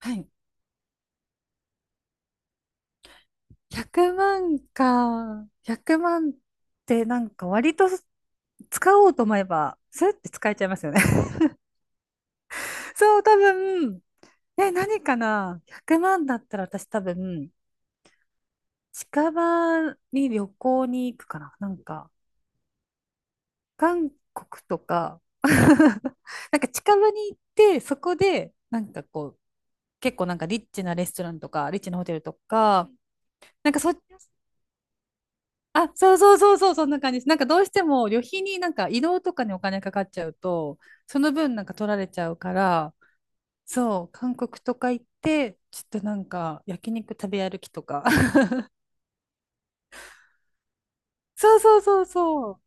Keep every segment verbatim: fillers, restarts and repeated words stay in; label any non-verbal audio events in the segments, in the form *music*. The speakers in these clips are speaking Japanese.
はい。ひゃくまんか。ひゃくまんってなんか割と使おうと思えば、スッて使えちゃいますよね。 *laughs* そう、多分、え、何かな？ ひゃく 万だったら私多分、近場に旅行に行くかななんか、韓国とか。 *laughs* なんか近場に行って、そこで、なんかこう、結構なんかリッチなレストランとか、リッチなホテルとか、なんかそっちあ、そうそうそうそう、そんな感じです。なんかどうしても旅費になんか移動とかにお金かかっちゃうと、その分なんか取られちゃうから、そう、韓国とか行って、ちょっとなんか焼肉食べ歩きとか。*laughs* そうそうそうそう。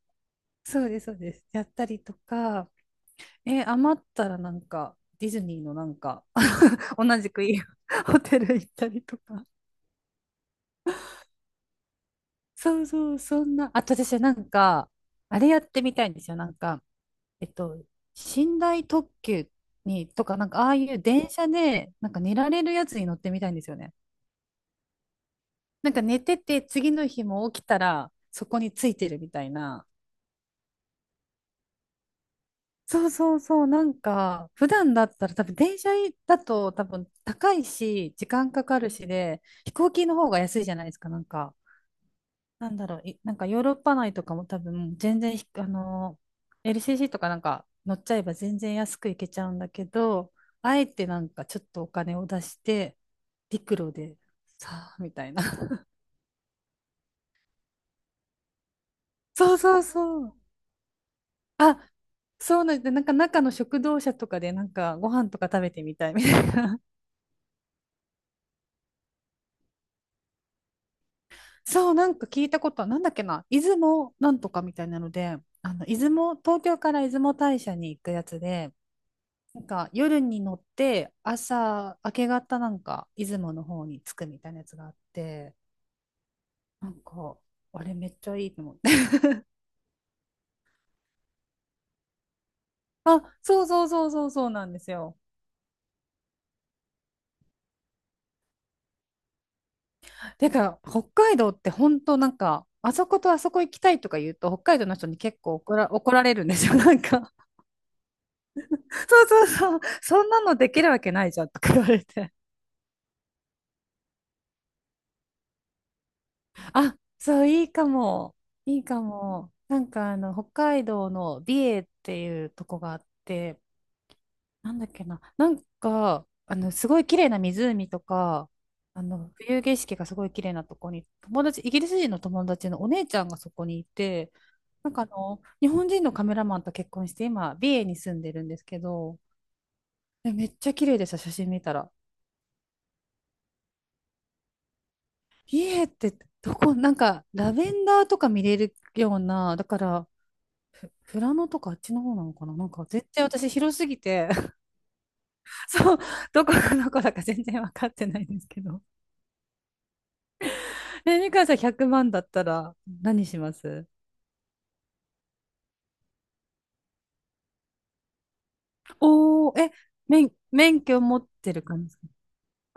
そうです、そうです。やったりとか、え、余ったらなんかディズニーのなんか *laughs* 同じくいい *laughs* ホテル行ったりとか。そうそう、そんな。あと私なんか、あれやってみたいんですよ。なんか、えっと、寝台特急に、とか、なんかああいう電車で、なんか寝られるやつに乗ってみたいんですよね。なんか寝てて、次の日も起きたら、そこについてるみたいな。そうそうそう、なんか、普段だったら多分電車だと多分高いし、時間かかるしで、飛行機の方が安いじゃないですか、なんか。なんだろう、いなんかヨーロッパ内とかも多分全然ひ、あのー、エルシーシー とかなんか乗っちゃえば全然安く行けちゃうんだけど、あえてなんかちょっとお金を出して、陸路でさあ、みたいな。*laughs* そうそうそう。あ、そうなんで、なんか中の食堂車とかでなんかご飯とか食べてみたいみたいな。*laughs* そう、なんか聞いたことは、なんだっけな、出雲なんとかみたいなので、あの、出雲、東京から出雲大社に行くやつで、なんか夜に乗って朝明け方なんか出雲の方に着くみたいなやつがあって、なんかあれめっちゃいいと思って。 *laughs* あ、そうそうそうそうそうなんですよ。てか北海道って本当なんかあそことあそこ行きたいとか言うと北海道の人に結構怒ら、怒られるんですよ。 *laughs* なんかそうそうそう、そんなのできるわけないじゃんとか言われて、あ、そういいかも。いいかも。なんかあの北海道の美瑛っていうとこがあって、なんだっけな、なんか、あの、すごい綺麗な湖とか、あの、冬景色がすごい綺麗なとこに、友達、イギリス人の友達のお姉ちゃんがそこにいて、なんかあの、日本人のカメラマンと結婚して、今、美瑛に住んでるんですけど、でめっちゃ綺麗でした、写真見たら。美瑛ってどこ、なんか、ラベンダーとか見れるような、だから、富良野とかあっちの方なのかななんか、絶対私広すぎて、*laughs* そう、どこがどこだか全然分かってないんですけど。え、みかんさんひゃくまんだったら何します？おー、え、免、免許持ってる感じですか？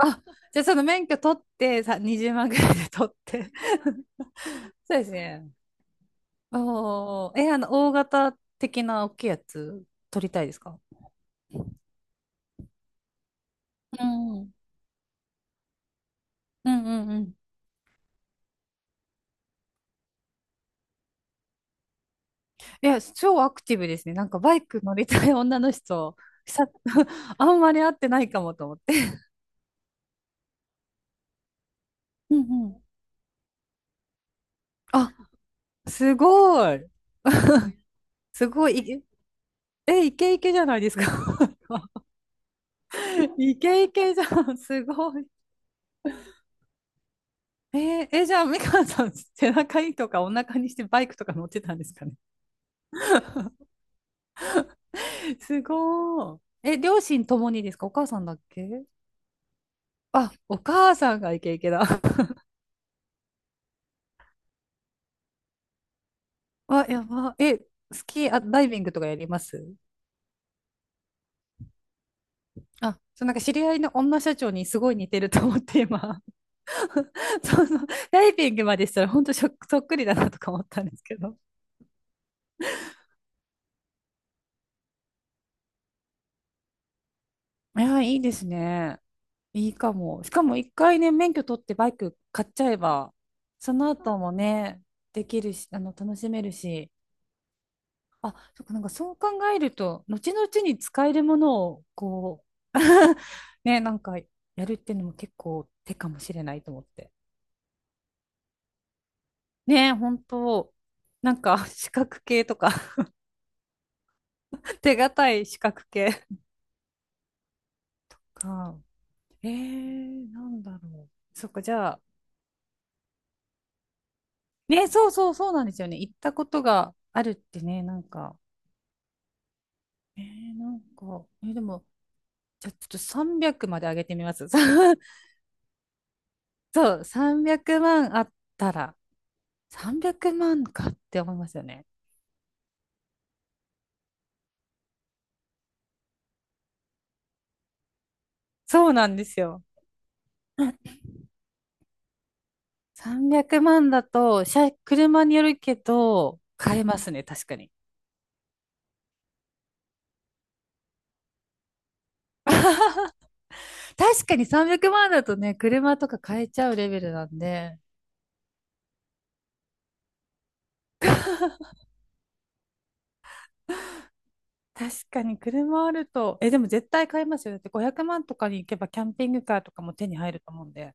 あ、じゃあその免許取ってさ、にじゅうまんぐらいで取って。*laughs* そうですね。おー、え、あの、大型的な大きいやつ取りたいですか？うんうんうんうんうん。いや、超アクティブですね。なんかバイク乗りたい女の人、さ、*laughs* あんまり会ってないかもと思って。うんうん。あ、すごい。*laughs* すごい。え、イケイケじゃないですか。*laughs* イケイケじゃん、すごい。えーえ、じゃあ、美川さん、背中にとかお腹にしてバイクとか乗ってたんですかね。すごい。え、両親ともにですか？お母さんだっけ？あ、お母さんがイケイケだ。*laughs* あ、やば。え、スキー、あ、ダイビングとかやります？あ、そう、なんか知り合いの女社長にすごい似てると思って今、*laughs* そうそう、ダイビングまでしたら本当そっそっくりだなとか思ったんですけど。いや、いいですね。いいかも。しかも一回ね、免許取ってバイク買っちゃえば、その後もね、できるし、あの、楽しめるし。あ、そっか、なんかそう考えると、後々に使えるものを、こう、*laughs* ね、なんかやるっていうのも結構手かもしれないと思って。ね、本当なんか資格系とか。 *laughs* 手堅い資格系か。えー、なんだろう。そっか、じゃあ、ね、そうそうそうなんですよね。行ったことがあるってね、なんか、えー、なんか、えーでも、じゃあちょっとさんびゃくまで上げてみます。*laughs* そう、さんびゃくまんあったら、さんびゃくまんかって思いますよね。そうなんですよ。さんびゃくまんだと、車、車によるけど、買えますね、確かに。確かにさんびゃくまんだとね、車とか買えちゃうレベルなんで、確かに車あると、え、でも絶対買いますよね。だってごひゃくまんとかに行けばキャンピングカーとかも手に入ると思うんで。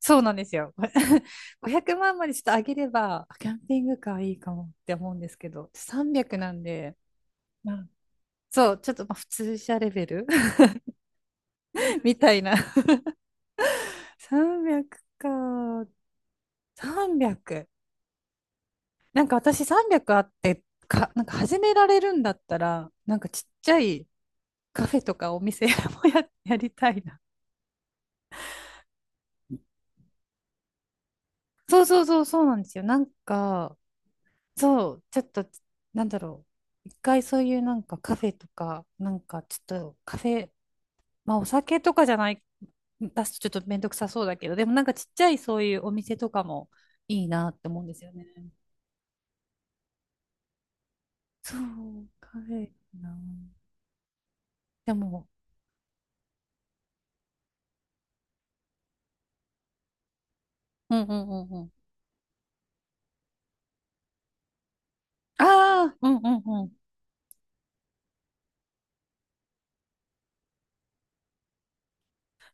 そうなんですよ。*laughs* ごひゃくまんまんまでちょっと上げれば、あキャンピングカーいいかもって思うんですけど、さんびゃくなんで、まあ、そう、ちょっとまあ普通車レベル *laughs* みたいな。*laughs* さんびゃくか、さんびゃく。なんか私さんびゃくあってか、なんか始められるんだったら、なんかちっちゃいカフェとかお店 *laughs* もや、*laughs* やりたいな。そうそうそうそうなんですよ。なんか、そう、ちょっと、なんだろう。一回そういうなんかカフェとか、なんかちょっとカフェ、まあお酒とかじゃない、出すとちょっとめんどくさそうだけど、でもなんかちっちゃいそういうお店とかもいいなって思うんですよね。そう、カフェな。でも、うんうんうんうん。ああ、うんうんうん。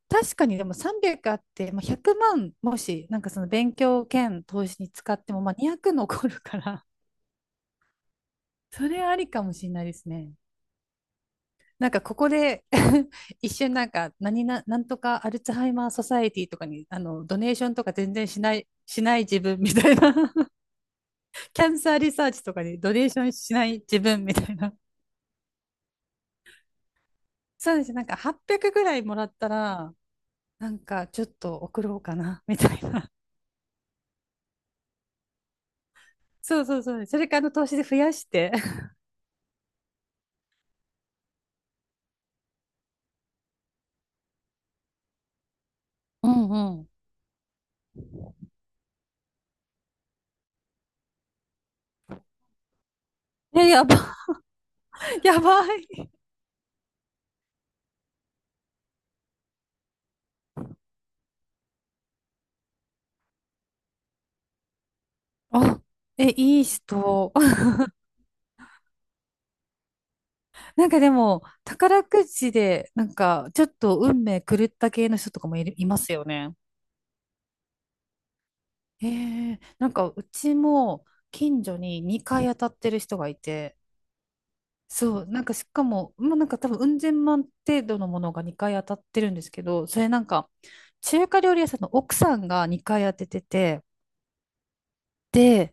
確かにでもさんびゃくあって、まあ、ひゃくまんもし、なんかその勉強兼投資に使っても、まあにひゃく残るから、それありかもしれないですね。なんかここで *laughs* 一瞬なんか何な、なんとかアルツハイマーソサエティとかにあのドネーションとか全然しない、しない自分みたいな。 *laughs* キャンサーリサーチとかにドネーションしない自分みたいな。そうですね、なんかはっぴゃくぐらいもらったらなんかちょっと送ろうかなみたいな。そうそうそう。それからあの投資で増やして。うんうん。え、やば、*laughs* やばい。あ、え、いい人。なんかでも、宝くじで、なんか、ちょっと運命狂った系の人とかもいる、いますよね。ええ、なんか、うちも、近所ににかい当たってる人がいて、そう、なんか、しかも、まあ、なんか多分、うん千万程度のものがにかい当たってるんですけど、それなんか、中華料理屋さんの奥さんがにかい当ててて、で、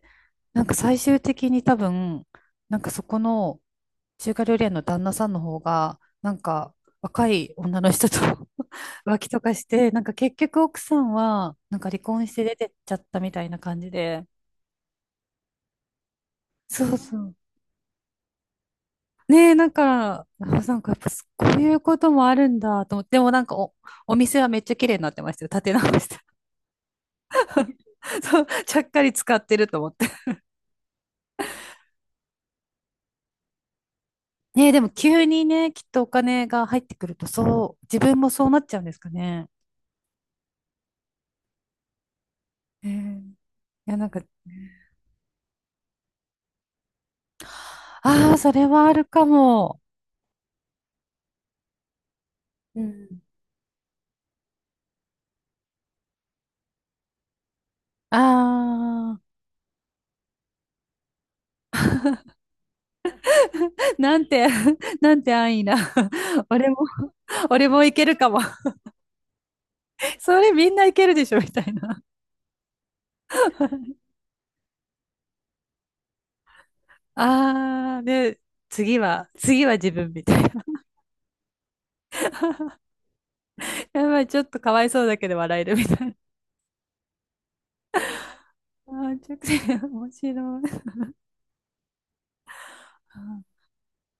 なんか最終的に多分、なんかそこの中華料理屋の旦那さんの方が、なんか若い女の人と *laughs* 浮気とかして、なんか結局奥さんは、なんか離婚して出てっちゃったみたいな感じで。そうそう。ねえ、なんか、あ、なんかやっぱこういうこともあるんだと思って、でもなんかお、お店はめっちゃ綺麗になってましたよ。建て直して。*laughs* そう、ちゃっかり使ってると思って。ねえ、でも急にね、きっとお金が入ってくると、そう、自分もそうなっちゃうんですかね。ええ、いや、なんか、ああ、それはあるかも。うん、ああ、*laughs* なんて、*laughs* なんて安易な。*laughs* 俺も、俺もいけるかも。*laughs* それみんないけるでしょ、みたいな。*laughs* ああ、で、次は、次は自分みたいな。*laughs* やばい、ちょっとかわいそうだけど笑えるみたいな。ああ、めちゃくちゃ面白い。